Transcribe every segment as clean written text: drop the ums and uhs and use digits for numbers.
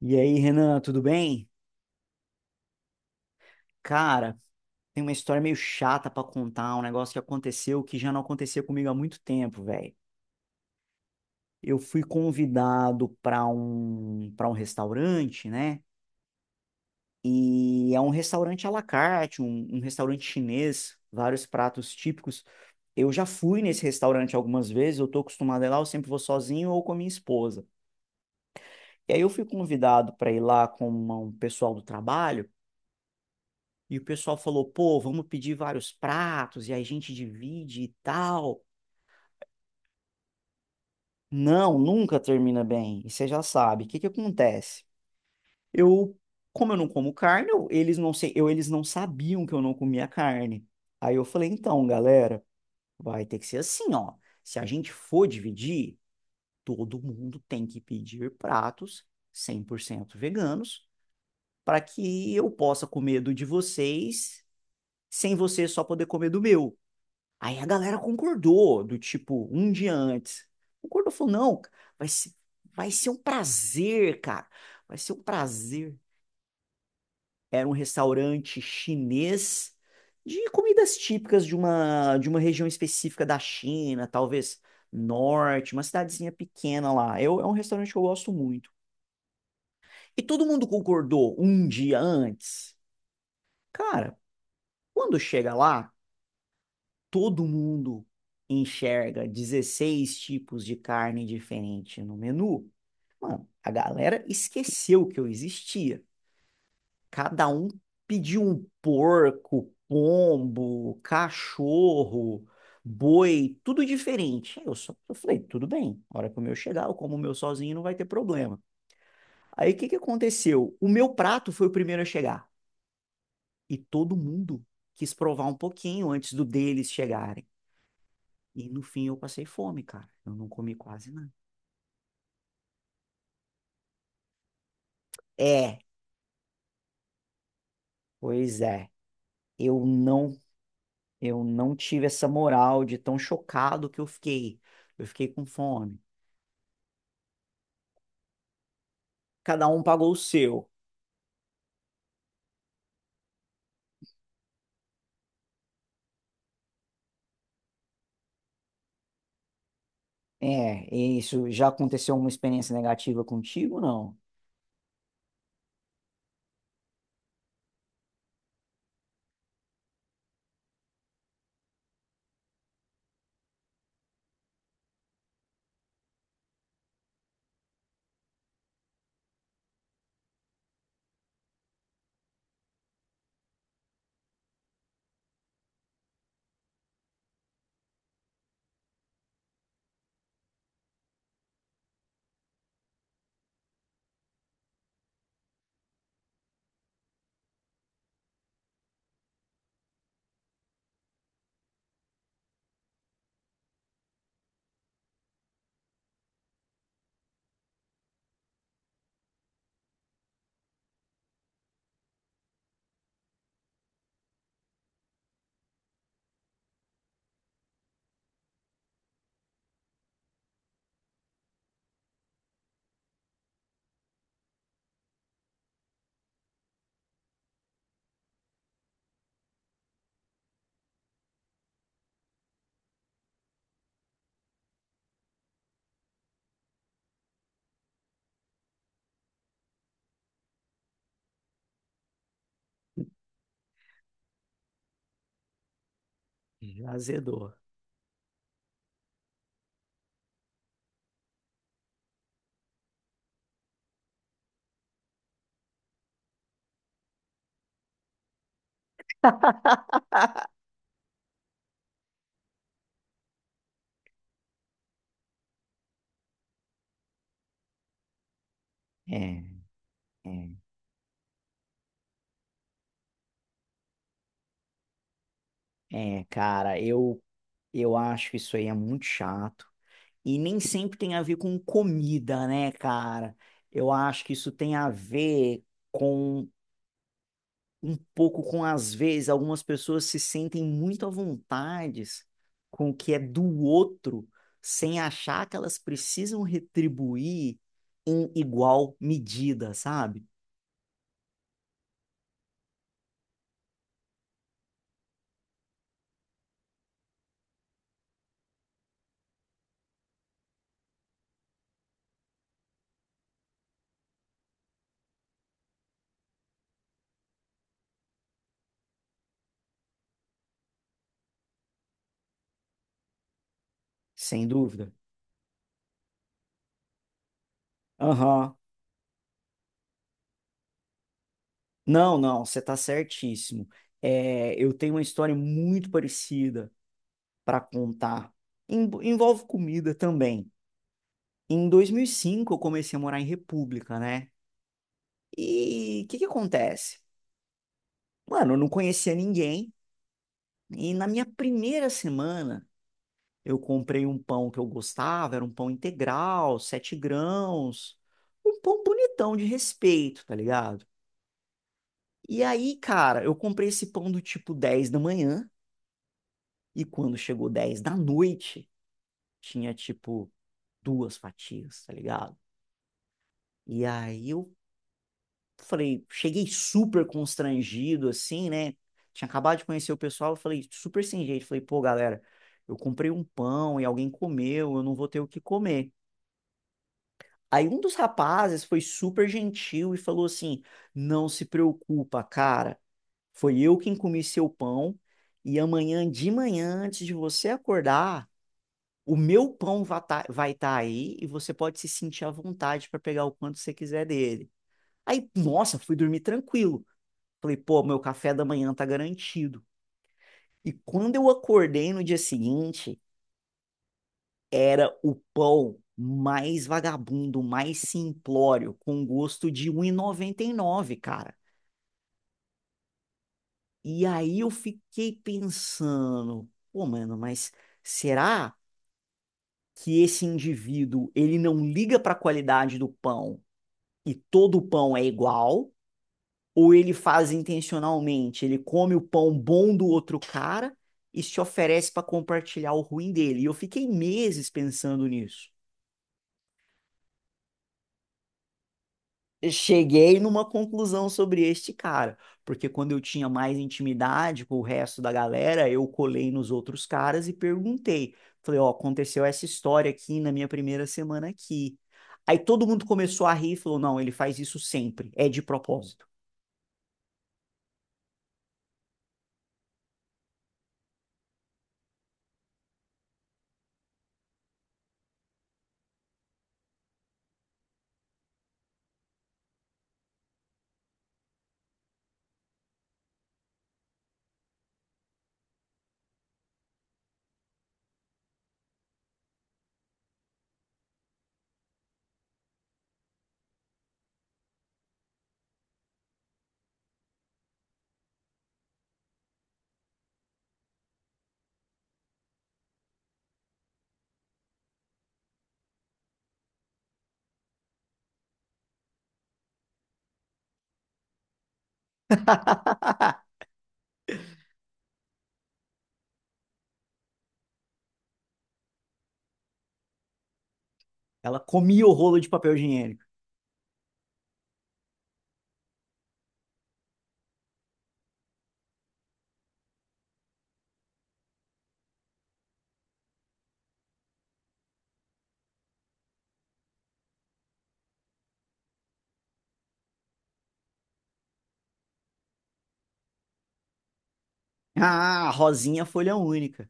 E aí, Renan, tudo bem? Cara, tem uma história meio chata pra contar, um negócio que aconteceu que já não acontecia comigo há muito tempo, velho. Eu fui convidado pra um para um restaurante, né? E é um restaurante à la carte, um restaurante chinês, vários pratos típicos. Eu já fui nesse restaurante algumas vezes, eu tô acostumado a ir lá, eu sempre vou sozinho ou com a minha esposa. E aí eu fui convidado para ir lá com um pessoal do trabalho. E o pessoal falou, pô, vamos pedir vários pratos e aí a gente divide e tal. Não, nunca termina bem. E você já sabe. O que que acontece? Eu, como eu não como carne, eles não sei, eles não sabiam que eu não comia carne. Aí eu falei, então, galera, vai ter que ser assim, ó. Se a gente for dividir, todo mundo tem que pedir pratos 100% veganos para que eu possa comer do de vocês, sem vocês só poder comer do meu. Aí a galera concordou, do tipo, um dia antes. Concordou, falou, não, vai ser, vai ser um prazer, cara. Vai ser um prazer. Era um restaurante chinês de comidas típicas de uma região específica da China, talvez norte, uma cidadezinha pequena lá. Eu, é um restaurante que eu gosto muito. E todo mundo concordou um dia antes. Cara, quando chega lá, todo mundo enxerga 16 tipos de carne diferente no menu, mano, a galera esqueceu que eu existia. Cada um pediu um porco, pombo, cachorro, boi, tudo diferente. Aí Eu só eu falei, tudo bem, a hora que o meu chegar, eu como o meu sozinho, não vai ter problema. Aí o que que aconteceu? O meu prato foi o primeiro a chegar e todo mundo quis provar um pouquinho antes do deles chegarem. E no fim eu passei fome, cara. Eu não comi quase nada. É, pois é. Eu não, eu não tive essa moral de tão chocado que eu fiquei. Eu fiquei com fome. Cada um pagou o seu. É, e isso já aconteceu uma experiência negativa contigo, não? Já azedou. É, é, é, cara, eu acho que isso aí é muito chato. E nem sempre tem a ver com comida, né, cara? Eu acho que isso tem a ver com um pouco com, às vezes, algumas pessoas se sentem muito à vontade com o que é do outro, sem achar que elas precisam retribuir em igual medida, sabe? Sem dúvida. Aham. Não, não, você tá certíssimo. É, eu tenho uma história muito parecida para contar. Em- envolve comida também. Em 2005 eu comecei a morar em República, né? E o que que acontece? Mano, eu não conhecia ninguém. E na minha primeira semana, eu comprei um pão que eu gostava, era um pão integral, sete grãos, um pão bonitão de respeito, tá ligado? E aí, cara, eu comprei esse pão do tipo 10 da manhã, e quando chegou 10 da noite, tinha tipo duas fatias, tá ligado? E aí eu falei, cheguei super constrangido, assim, né? Tinha acabado de conhecer o pessoal, eu falei, super sem jeito, falei, pô, galera. Eu comprei um pão e alguém comeu, eu não vou ter o que comer. Aí um dos rapazes foi super gentil e falou assim: Não se preocupa, cara. Foi eu quem comi seu pão. E amanhã de manhã, antes de você acordar, o meu pão va- tá- vai estar aí e você pode se sentir à vontade para pegar o quanto você quiser dele. Aí, nossa, fui dormir tranquilo. Falei, pô, meu café da manhã tá garantido. E quando eu acordei no dia seguinte, era o pão mais vagabundo, mais simplório, com gosto de um e 99, cara. E aí eu fiquei pensando, pô, mano, mas será que esse indivíduo, ele não liga para a qualidade do pão e todo pão é igual? Ou ele faz intencionalmente, ele come o pão bom do outro cara e se oferece para compartilhar o ruim dele? E eu fiquei meses pensando nisso. Cheguei numa conclusão sobre este cara, porque quando eu tinha mais intimidade com o resto da galera, eu colei nos outros caras e perguntei. Falei, ó, aconteceu essa história aqui na minha primeira semana aqui. Aí todo mundo começou a rir e falou, não, ele faz isso sempre, é de propósito. Ela comia o rolo de papel higiênico. Ah, Rosinha folha única.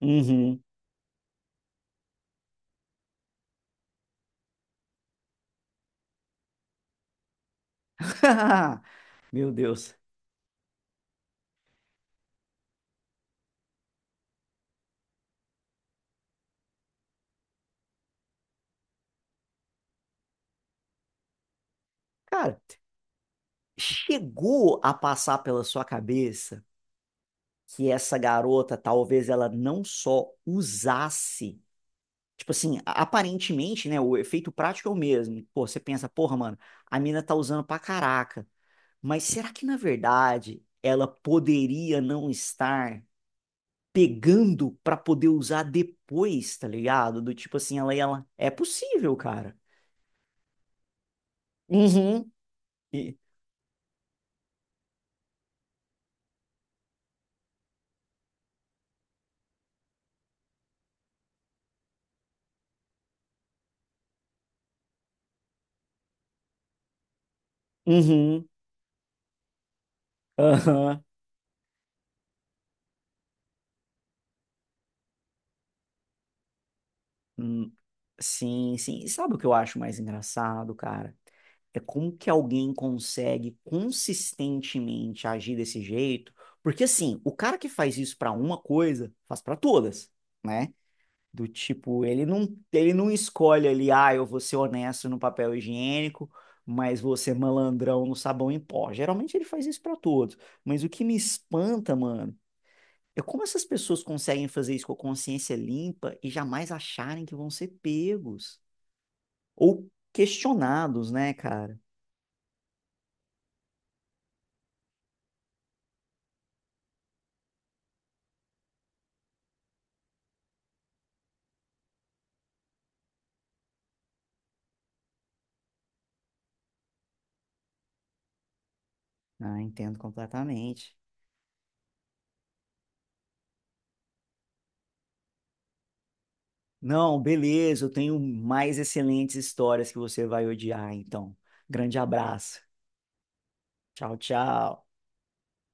Uhum. Meu Deus. Cara, chegou a passar pela sua cabeça que essa garota talvez ela não só usasse, tipo assim, aparentemente, né, o efeito prático é o mesmo. Pô, você pensa, porra, mano, a mina tá usando pra caraca. Mas será que na verdade ela poderia não estar pegando pra poder usar depois, tá ligado? Do tipo assim, ela é possível, cara. Uhum. E- Uhum. Aham. Hum, sim, sim. E sabe o que eu acho mais engraçado, cara? É como que alguém consegue consistentemente agir desse jeito? Porque assim, o cara que faz isso para uma coisa, faz para todas, né? Do tipo, ele não escolhe ali, ah, eu vou ser honesto no papel higiênico, mas vou ser malandrão no sabão em pó. Geralmente ele faz isso para todos. Mas o que me espanta, mano, é como essas pessoas conseguem fazer isso com a consciência limpa e jamais acharem que vão ser pegos ou questionados, né, cara? Ah, entendo completamente. Não, beleza, eu tenho mais excelentes histórias que você vai odiar, então. Grande abraço. Tchau, tchau.